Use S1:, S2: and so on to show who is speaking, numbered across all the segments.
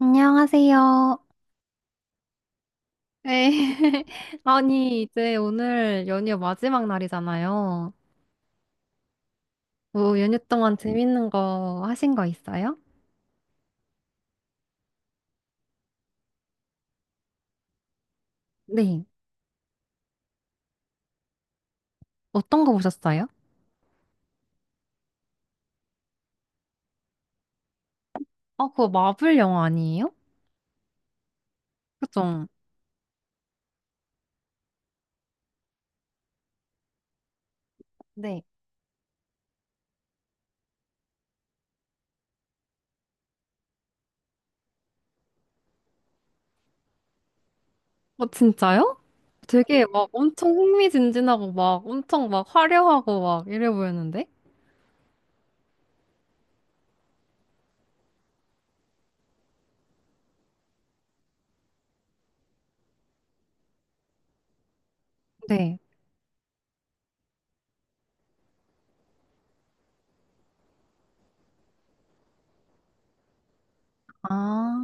S1: 안녕하세요. 네. 아니, 이제 오늘 연휴 마지막 날이잖아요. 연휴 동안 재밌는 거 하신 거 있어요? 네. 어떤 거 보셨어요? 아, 그거 마블 영화 아니에요? 그죠? 네. 어, 진짜요? 되게 엄청 흥미진진하고 엄청 화려하고 이래 보였는데? 네. 아.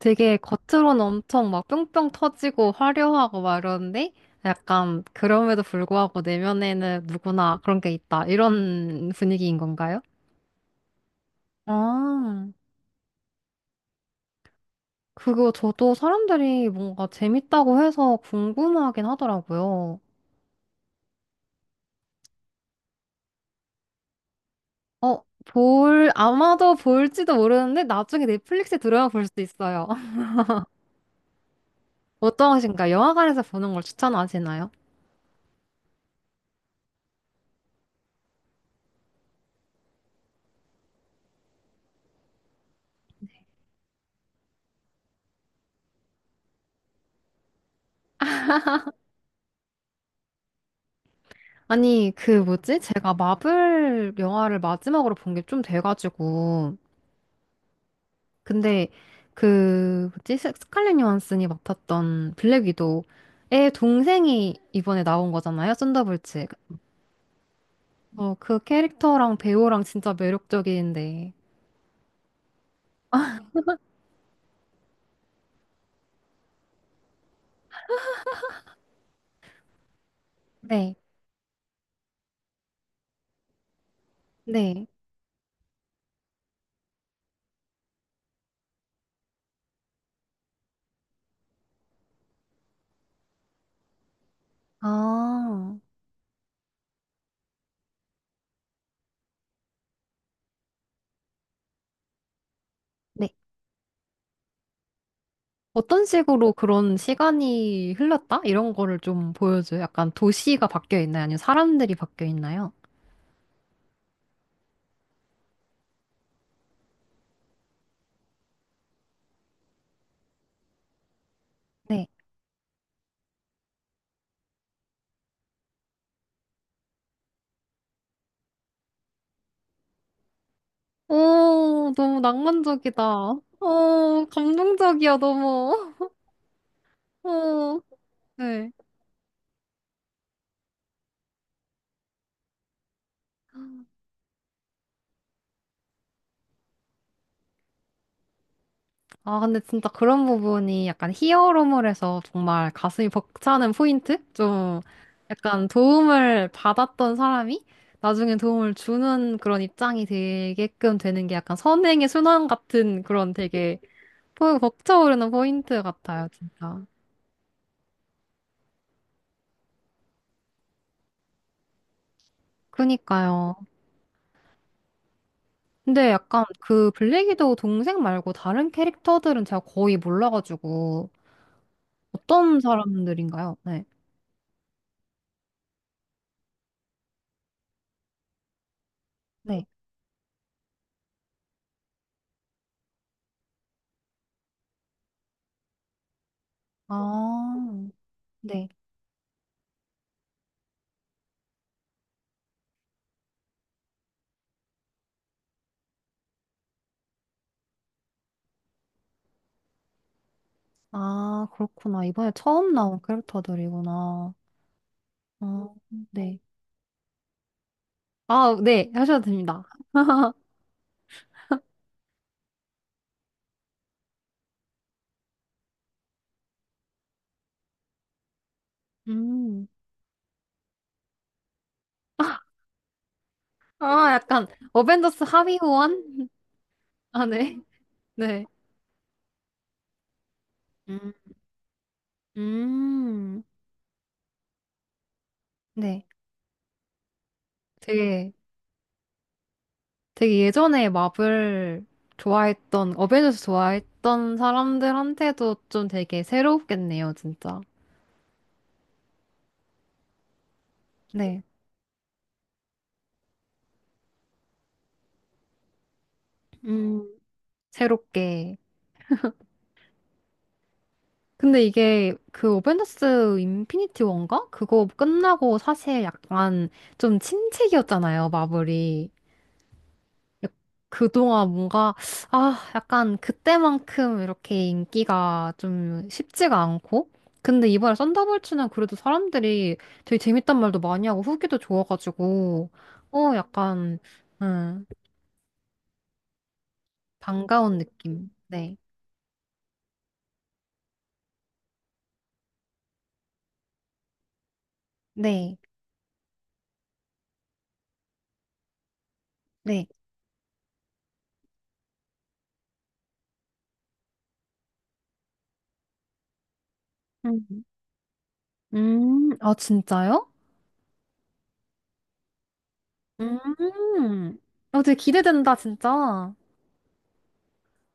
S1: 되게 겉으로는 엄청 뿅뿅 터지고 화려하고 이러는데 약간 그럼에도 불구하고 내면에는 누구나 그런 게 있다. 이런 분위기인 건가요? 아, 그거 저도 사람들이 뭔가 재밌다고 해서 궁금하긴 하더라고요. 아마도 볼지도 모르는데 나중에 넷플릭스에 들어야 볼 수 있어요. 어떠하신가요? 영화관에서 보는 걸 추천하시나요? 아니, 그 뭐지? 제가 마블 영화를 마지막으로 본 게 좀 돼가지고, 근데 스칼렛 요한슨이 맡았던 블랙 위도우의 동생이 이번에 나온 거잖아요. 썬더볼츠. 어, 그 캐릭터랑 배우랑 진짜 매력적인데. 네. 네. 아. 네. 어떤 식으로 그런 시간이 흘렀다? 이런 거를 좀 보여줘요. 약간 도시가 바뀌어 있나요? 아니면 사람들이 바뀌어 있나요? 네. 오, 너무 낭만적이다. 오, 감동적이야, 너무. 오, 네. 아, 근데 진짜 그런 부분이 약간 히어로물에서 정말 가슴이 벅차는 포인트? 좀 약간 도움을 받았던 사람이 나중에 도움을 주는 그런 입장이 되게끔 되는 게 약간 선행의 순환 같은 그런 되게 벅차오르는 포인트 같아요, 진짜. 그니까요. 근데 약간 그 블랙이도 동생 말고 다른 캐릭터들은 제가 거의 몰라가지고 어떤 사람들인가요? 네. 네. 아, 네. 아, 그렇구나. 이번에 처음 나온 캐릭터들이구나. 어, 네. 아, 네. 하셔도 됩니다. 음. 아, 약간 어벤져스 하위 호환? 아, 네. 네. 음. 음. 네. 되게 예전에 마블 좋아했던 어벤져스 좋아했던 사람들한테도 좀 되게 새롭겠네요, 진짜. 네. 음. 새롭게 근데 이게 그 어벤져스 인피니티 원가? 그거 끝나고 사실 약간 좀 침체기였잖아요, 마블이. 그동안 뭔가, 아, 약간 그때만큼 이렇게 인기가 좀 쉽지가 않고. 근데 이번에 썬더볼츠는 그래도 사람들이 되게 재밌단 말도 많이 하고 후기도 좋아가지고, 어, 약간, 음, 반가운 느낌. 네. 네. 네. 음, 아, 진짜요? 음. 어, 되게 기대된다, 진짜.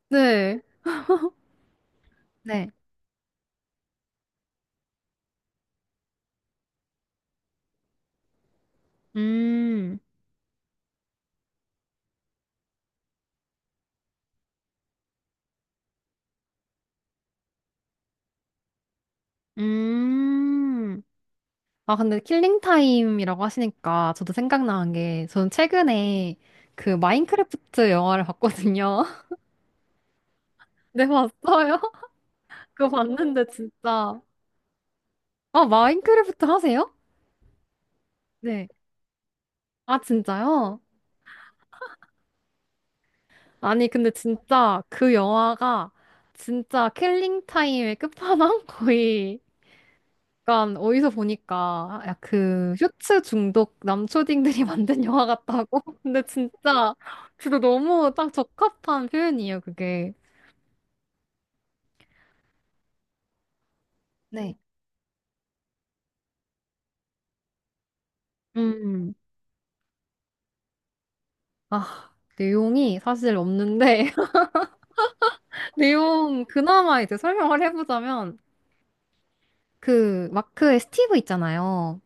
S1: 네. 네. 음. 음. 아, 근데 킬링 타임이라고 하시니까 저도 생각나는 게 저는 최근에 그 마인크래프트 영화를 봤거든요. 네, 봤어요? 그거 봤는데 진짜. 아, 마인크래프트 하세요? 네. 아, 진짜요? 아니, 근데 진짜 그 영화가 진짜 킬링 타임의 끝판왕? 거의 약간 어디서 보니까 그 쇼츠 중독 남초딩들이 만든 영화 같다고? 근데 진짜 너무 딱 적합한 표현이에요, 그게. 네. 음. 아, 내용이 사실 없는데 내용 그나마 이제 설명을 해보자면 그 마크의 스티브 있잖아요.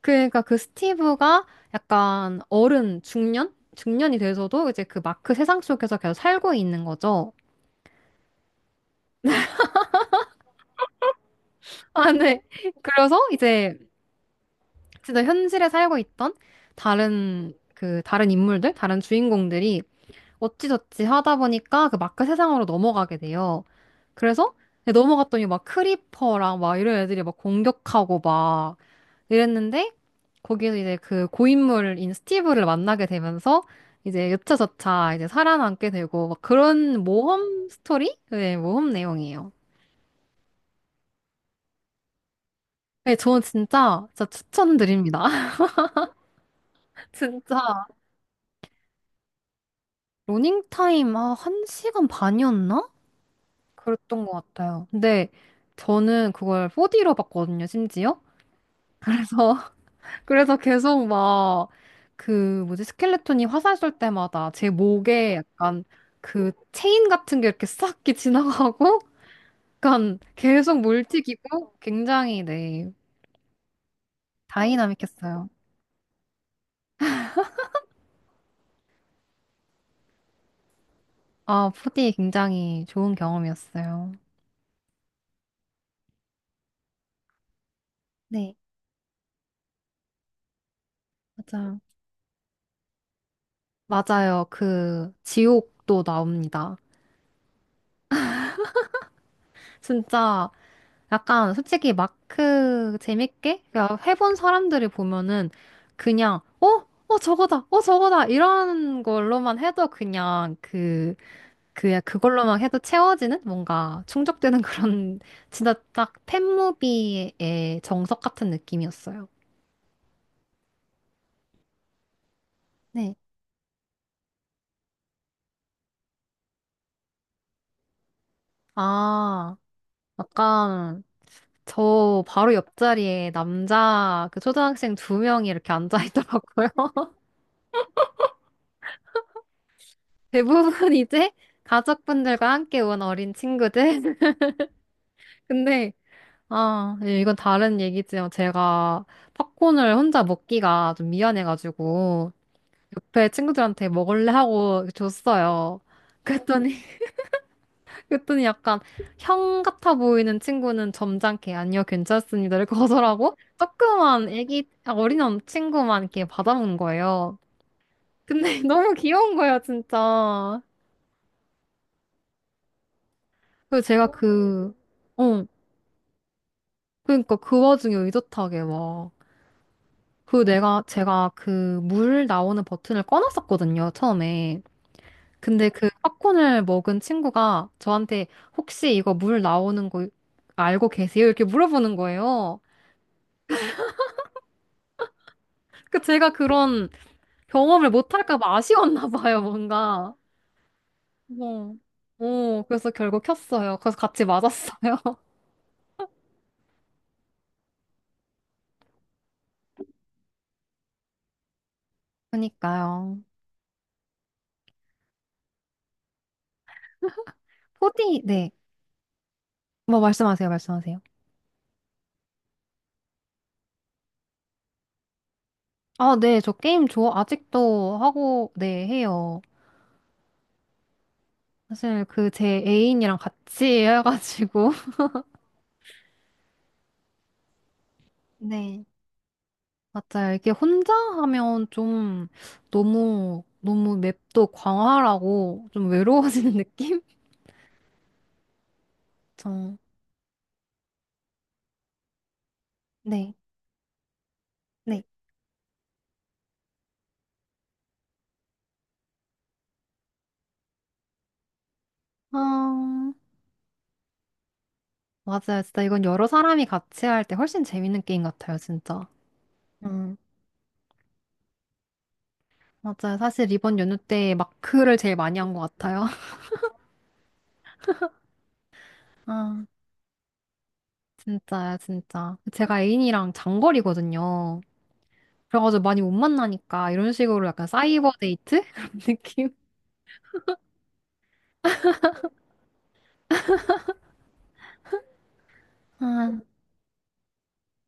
S1: 그러니까 그 스티브가 약간 어른 중년? 중년이 돼서도 이제 그 마크 세상 속에서 계속 살고 있는 거죠. 아, 네. 그래서 이제 진짜 현실에 살고 있던 다른 인물들, 다른 주인공들이 어찌저찌 하다 보니까 그 마크 세상으로 넘어가게 돼요. 그래서 네, 넘어갔더니 막 크리퍼랑 이런 애들이 막 공격하고 막 이랬는데 거기에서 이제 그 고인물인 스티브를 만나게 되면서 이제 여차저차 이제 살아남게 되고 막 그런 모험 스토리? 네, 모험 내용이에요. 네, 저는 진짜 추천드립니다. 진짜. 러닝타임, 아, 한 시간 반이었나? 그랬던 것 같아요. 근데 저는 그걸 4D로 봤거든요, 심지어. 그래서, 그래서 계속 막, 그, 뭐지, 스켈레톤이 화살 쏠 때마다 제 목에 약간 그 체인 같은 게 이렇게 싹 이렇게 지나가고, 약간 계속 물튀기고, 굉장히, 네, 다이나믹했어요. 아, 4D 굉장히 좋은 경험이었어요. 네, 맞아요. 맞아요. 그, 지옥도 나옵니다. 진짜 약간 솔직히 마크 재밌게 그냥 해본 사람들이 보면은 그냥 어? 어 저거다. 어 저거다. 이런 걸로만 해도 그냥 그 그 그걸로만 해도 채워지는 뭔가 충족되는 그런 진짜 딱 팬무비의 정석 같은 느낌이었어요. 네. 아, 약간 저 바로 옆자리에 남자 그 초등학생 두 명이 이렇게 앉아 있더라고요. 대부분 이제 가족분들과 함께 온 어린 친구들. 근데, 아, 예, 이건 다른 얘기지만 제가 팝콘을 혼자 먹기가 좀 미안해가지고 옆에 친구들한테 먹을래 하고 줬어요. 그랬더니, 그랬더니 약간 형 같아 보이는 친구는 점잖게 아니요, 괜찮습니다를 거절하고 조그만 애기, 아, 어린 친구만 이렇게 받아먹는 거예요. 근데 너무 귀여운 거예요, 진짜. 그래서 제가 그, 어, 그러니까 그 와중에 의젓하게 막, 제가 그 물 나오는 버튼을 꺼놨었거든요, 처음에. 근데 그 팝콘을 먹은 친구가 저한테 혹시 이거 물 나오는 거 알고 계세요? 이렇게 물어보는 거예요. 그 제가 그런 경험을 못할까 봐 아쉬웠나 봐요, 뭔가. 어, 그래서 결국 켰어요. 그래서 같이 맞았어요. 그니까요. 포디 네. 뭐 말씀하세요, 말씀하세요. 저 게임 좋아, 아직도 하고, 네, 해요. 사실 그 제 애인이랑 같이 해가지고 네. 맞아요. 이게 혼자 하면 좀 너무 너무 맵도 광활하고 좀 외로워지는 느낌? 저 네. 네. 아, 맞아요. 진짜 이건 여러 사람이 같이 할 때 훨씬 재밌는 게임 같아요, 진짜. 음, 맞아요. 사실 이번 연휴 때 마크를 제일 많이 한 것 같아요. 아, 진짜요, 진짜. 제가 애인이랑 장거리거든요. 그래가지고 많이 못 만나니까 이런 식으로 약간 사이버 데이트? 그런 느낌? 아,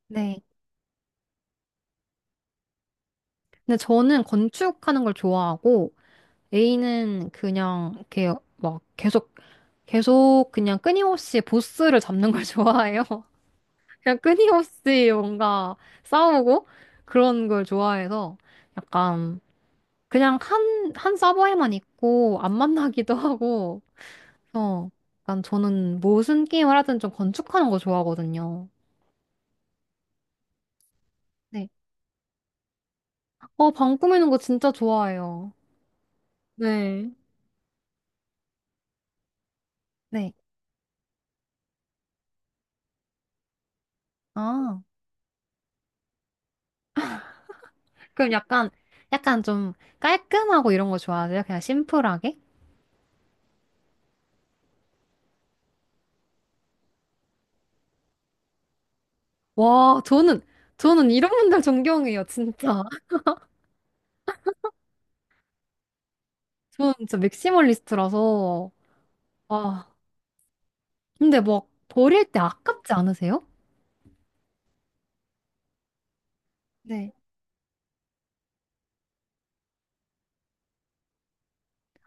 S1: 네. 근데 저는 건축하는 걸 좋아하고 A는 그냥 이렇게 막 계속 그냥 끊임없이 보스를 잡는 걸 좋아해요. 그냥 끊임없이 뭔가 싸우고 그런 걸 좋아해서 약간 그냥 한 서버에만 있고 안 만나기도 하고 어, 약간 저는 무슨 게임을 하든 좀 건축하는 거 좋아하거든요. 어, 방 꾸미는 거 진짜 좋아해요. 네. 네. 아, 그럼 약간, 좀 깔끔하고 이런 거 좋아하세요? 그냥 심플하게? 와, 저는, 저는 이런 분들 존경해요, 진짜. 저는 진짜 맥시멀리스트라서. 아, 근데 막 버릴 때 아깝지 않으세요? 네.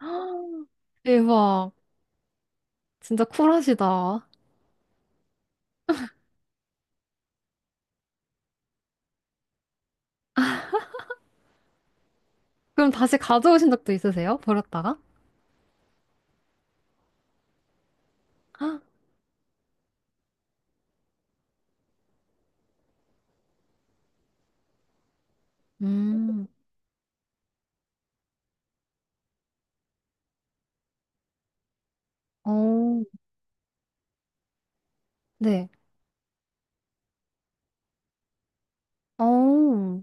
S1: 대박. 진짜 쿨하시다. 그럼 다시 가져오신 적도 있으세요? 버렸다가? 헉, 음, 오, 네. 오,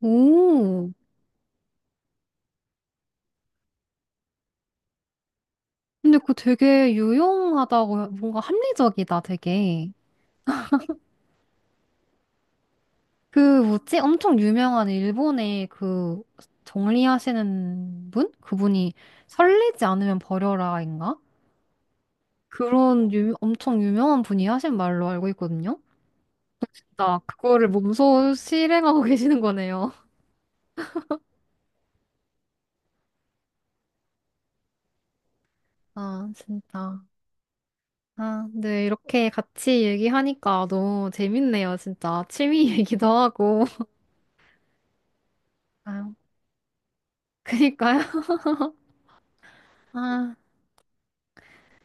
S1: 오. 근데 그거 되게 유용하다고, 뭔가 합리적이다, 되게. 그, 뭐지? 엄청 유명한 일본의 그, 정리하시는 분? 그분이 설레지 않으면 버려라인가? 엄청 유명한 분이 하신 말로 알고 있거든요? 나 그거를 몸소 실행하고 계시는 거네요. 아, 진짜. 아, 네, 이렇게 같이 얘기하니까 너무 재밌네요, 진짜. 취미 얘기도 하고. 아유, 그니까요. 아.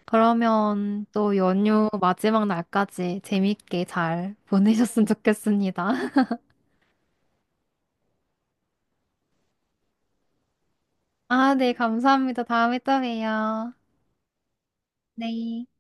S1: 그러면 또 연휴 마지막 날까지 재밌게 잘 보내셨으면 좋겠습니다. 아, 네, 감사합니다. 다음에 또 봬요. 네.